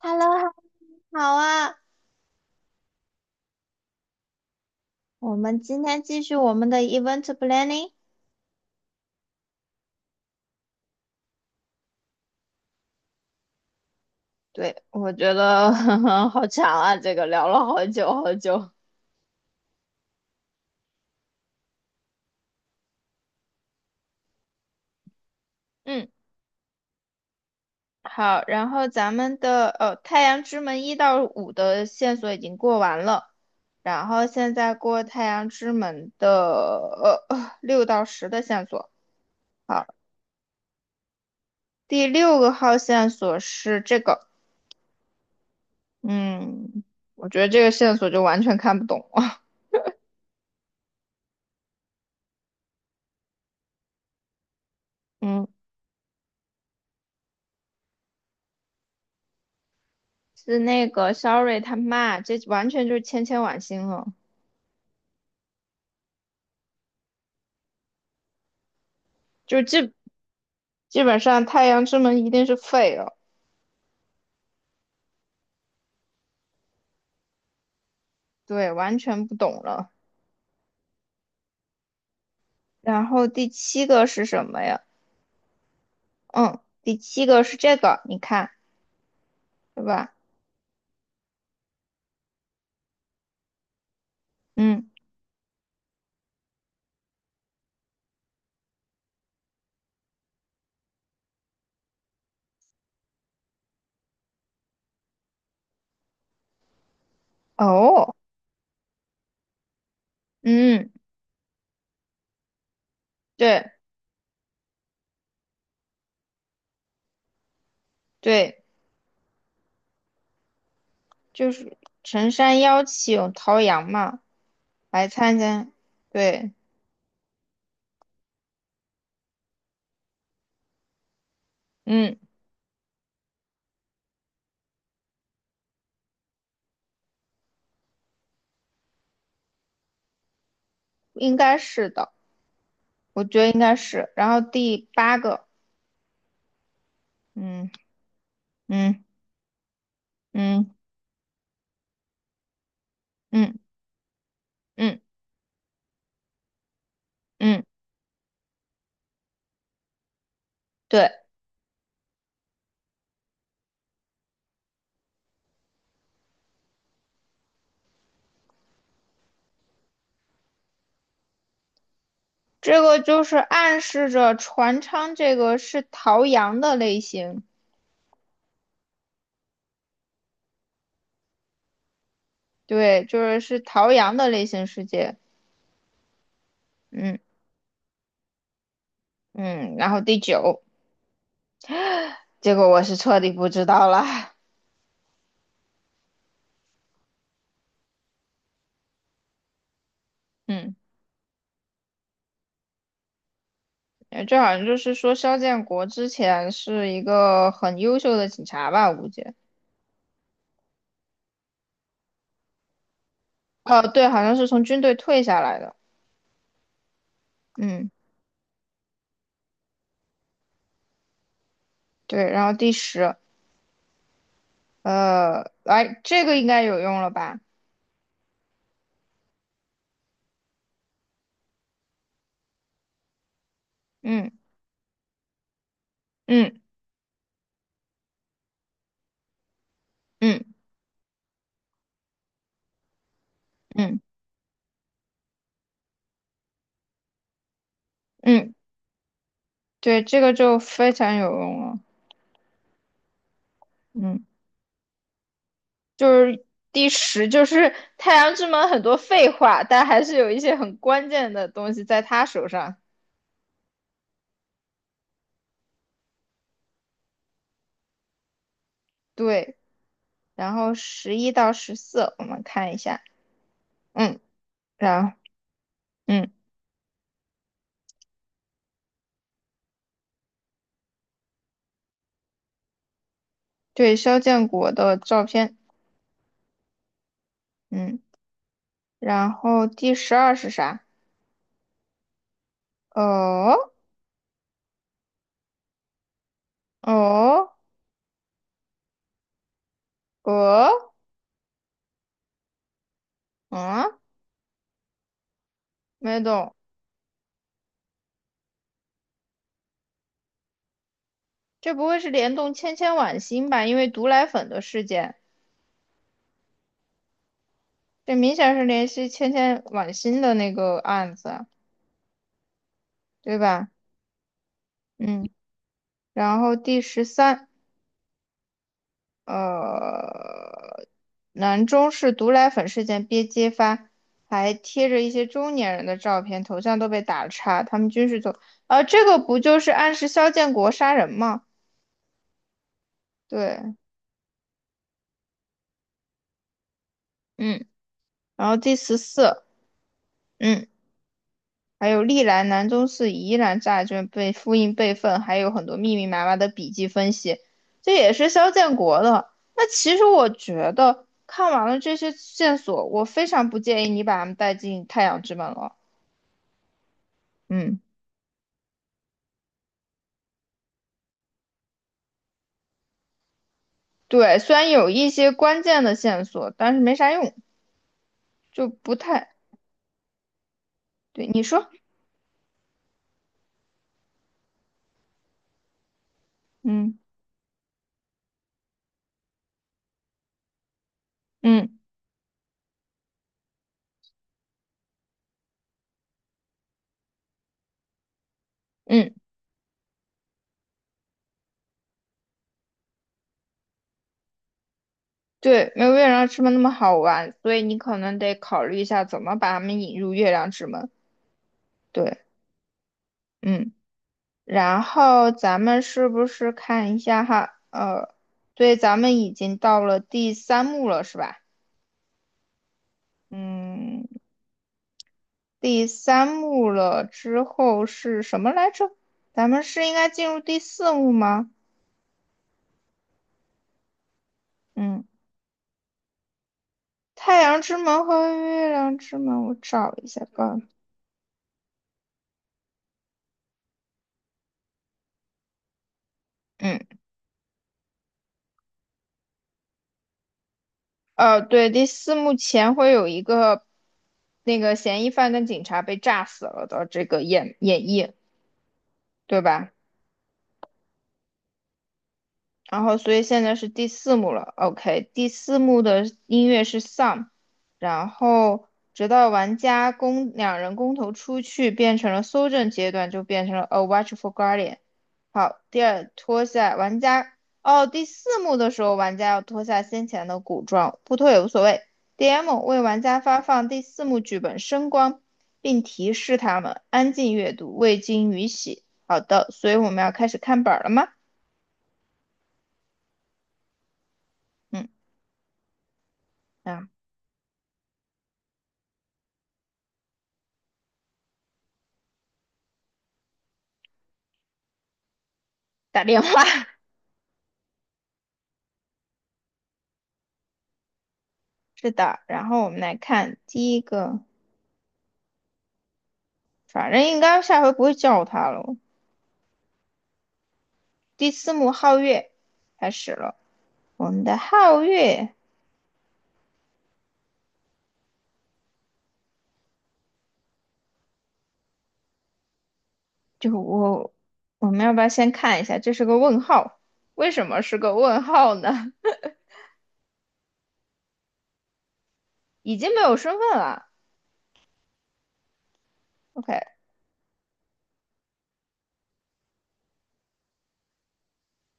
Hello,好啊，我们今天继续我们的 event planning。对，我觉得 好长啊，这个聊了好久好久。嗯，好，然后咱们的《太阳之门》一到五的线索已经过完了，然后现在过《太阳之门》的六到十的线索。好，第六个号线索是这个，嗯，我觉得这个线索就完全看不懂。嗯。是那个 Sorry 他妈，这完全就是千千晚星了，就基本上太阳之门一定是废了，对，完全不懂了。然后第七个是什么呀？嗯，第七个是这个，你看，对吧？嗯，哦，嗯，对对，就是陈山邀请陶阳嘛来参加，对，嗯，应该是的，我觉得应该是。然后第八个，嗯嗯嗯嗯嗯。嗯，对，这个就是暗示着船舱这个是陶阳的类型，对，就是是陶阳的类型世界。嗯嗯，然后第九，结果我是彻底不知道了。嗯，这好像就是说肖建国之前是一个很优秀的警察吧，我估计。哦，对，好像是从军队退下来的。嗯，对，然后第十，呃，来，这个应该有用了吧？嗯嗯嗯嗯嗯对，这个就非常有用了。嗯，就是第十，就是太阳之门很多废话，但还是有一些很关键的东西在他手上。对，然后十一到十四，我们看一下。嗯，然嗯，对，肖建国的照片。嗯，然后第十二是啥？哦哦哦，嗯，没懂，这不会是联动千千晚星吧？因为毒奶粉的事件。这明显是联系千千晚心的那个案子啊对吧？嗯，然后第十三，呃，南中市毒奶粉事件被揭发，还贴着一些中年人的照片，头像都被打叉，他们均是走，呃，这个不就是暗示肖建国杀人吗？对，嗯，然后第十四。嗯。还有历来南中市疑难债券被复印备份，还有很多密密麻麻的笔记分析，这也是肖建国的。那其实我觉得看完了这些线索，我非常不建议你把他们带进太阳之门了。嗯，对，虽然有一些关键的线索，但是没啥用，就不太，对，你说，嗯嗯嗯，对，没有月亮之门那么好玩，所以你可能得考虑一下怎么把他们引入月亮之门。对，嗯。然后咱们是不是看一下哈？呃，对，咱们已经到了第三幕了，是吧？嗯，第三幕了之后是什么来着？咱们是应该进入第四幕吗？嗯，太阳之门和月亮之门，我找一下吧。嗯，呃，对，第四幕前会有一个那个嫌疑犯跟警察被炸死了的这个演绎，对吧？然后所以现在是第四幕了，OK，第四幕的音乐是 Some，然后直到玩家公两人公投出去变成了搜证阶段，就变成了 A Watch for Guardian。好，第二脱下玩家，哦，第四幕的时候玩家要脱下先前的古装，不脱也无所谓。DM 为玩家发放第四幕剧本声光，并提示他们安静阅读，未经允许。好的，所以我们要开始看本儿了吗？嗯。然打电话，是的。然后我们来看第一个，反正应该下回不会叫他了。第四幕皓月开始了，我们的皓月就我，我们要不要先看一下？这是个问号，为什么是个问号呢？已经没有身份了。OK，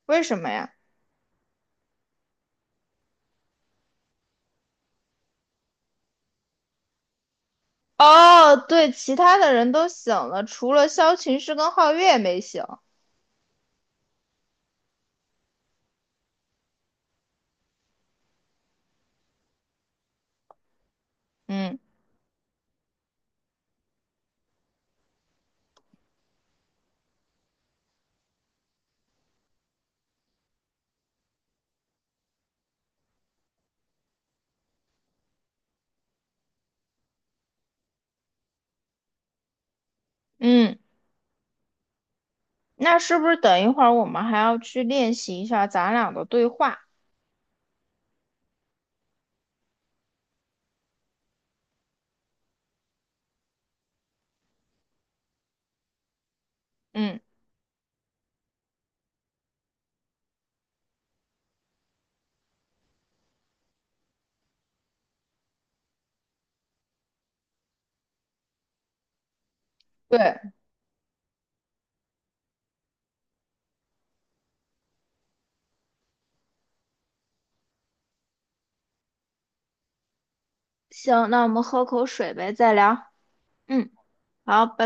为什么呀？哦，对，其他的人都醒了，除了萧琴师跟皓月没醒。嗯嗯，那是不是等一会儿我们还要去练习一下咱俩的对话？嗯，对，行，那我们喝口水呗，再聊。嗯，好，拜。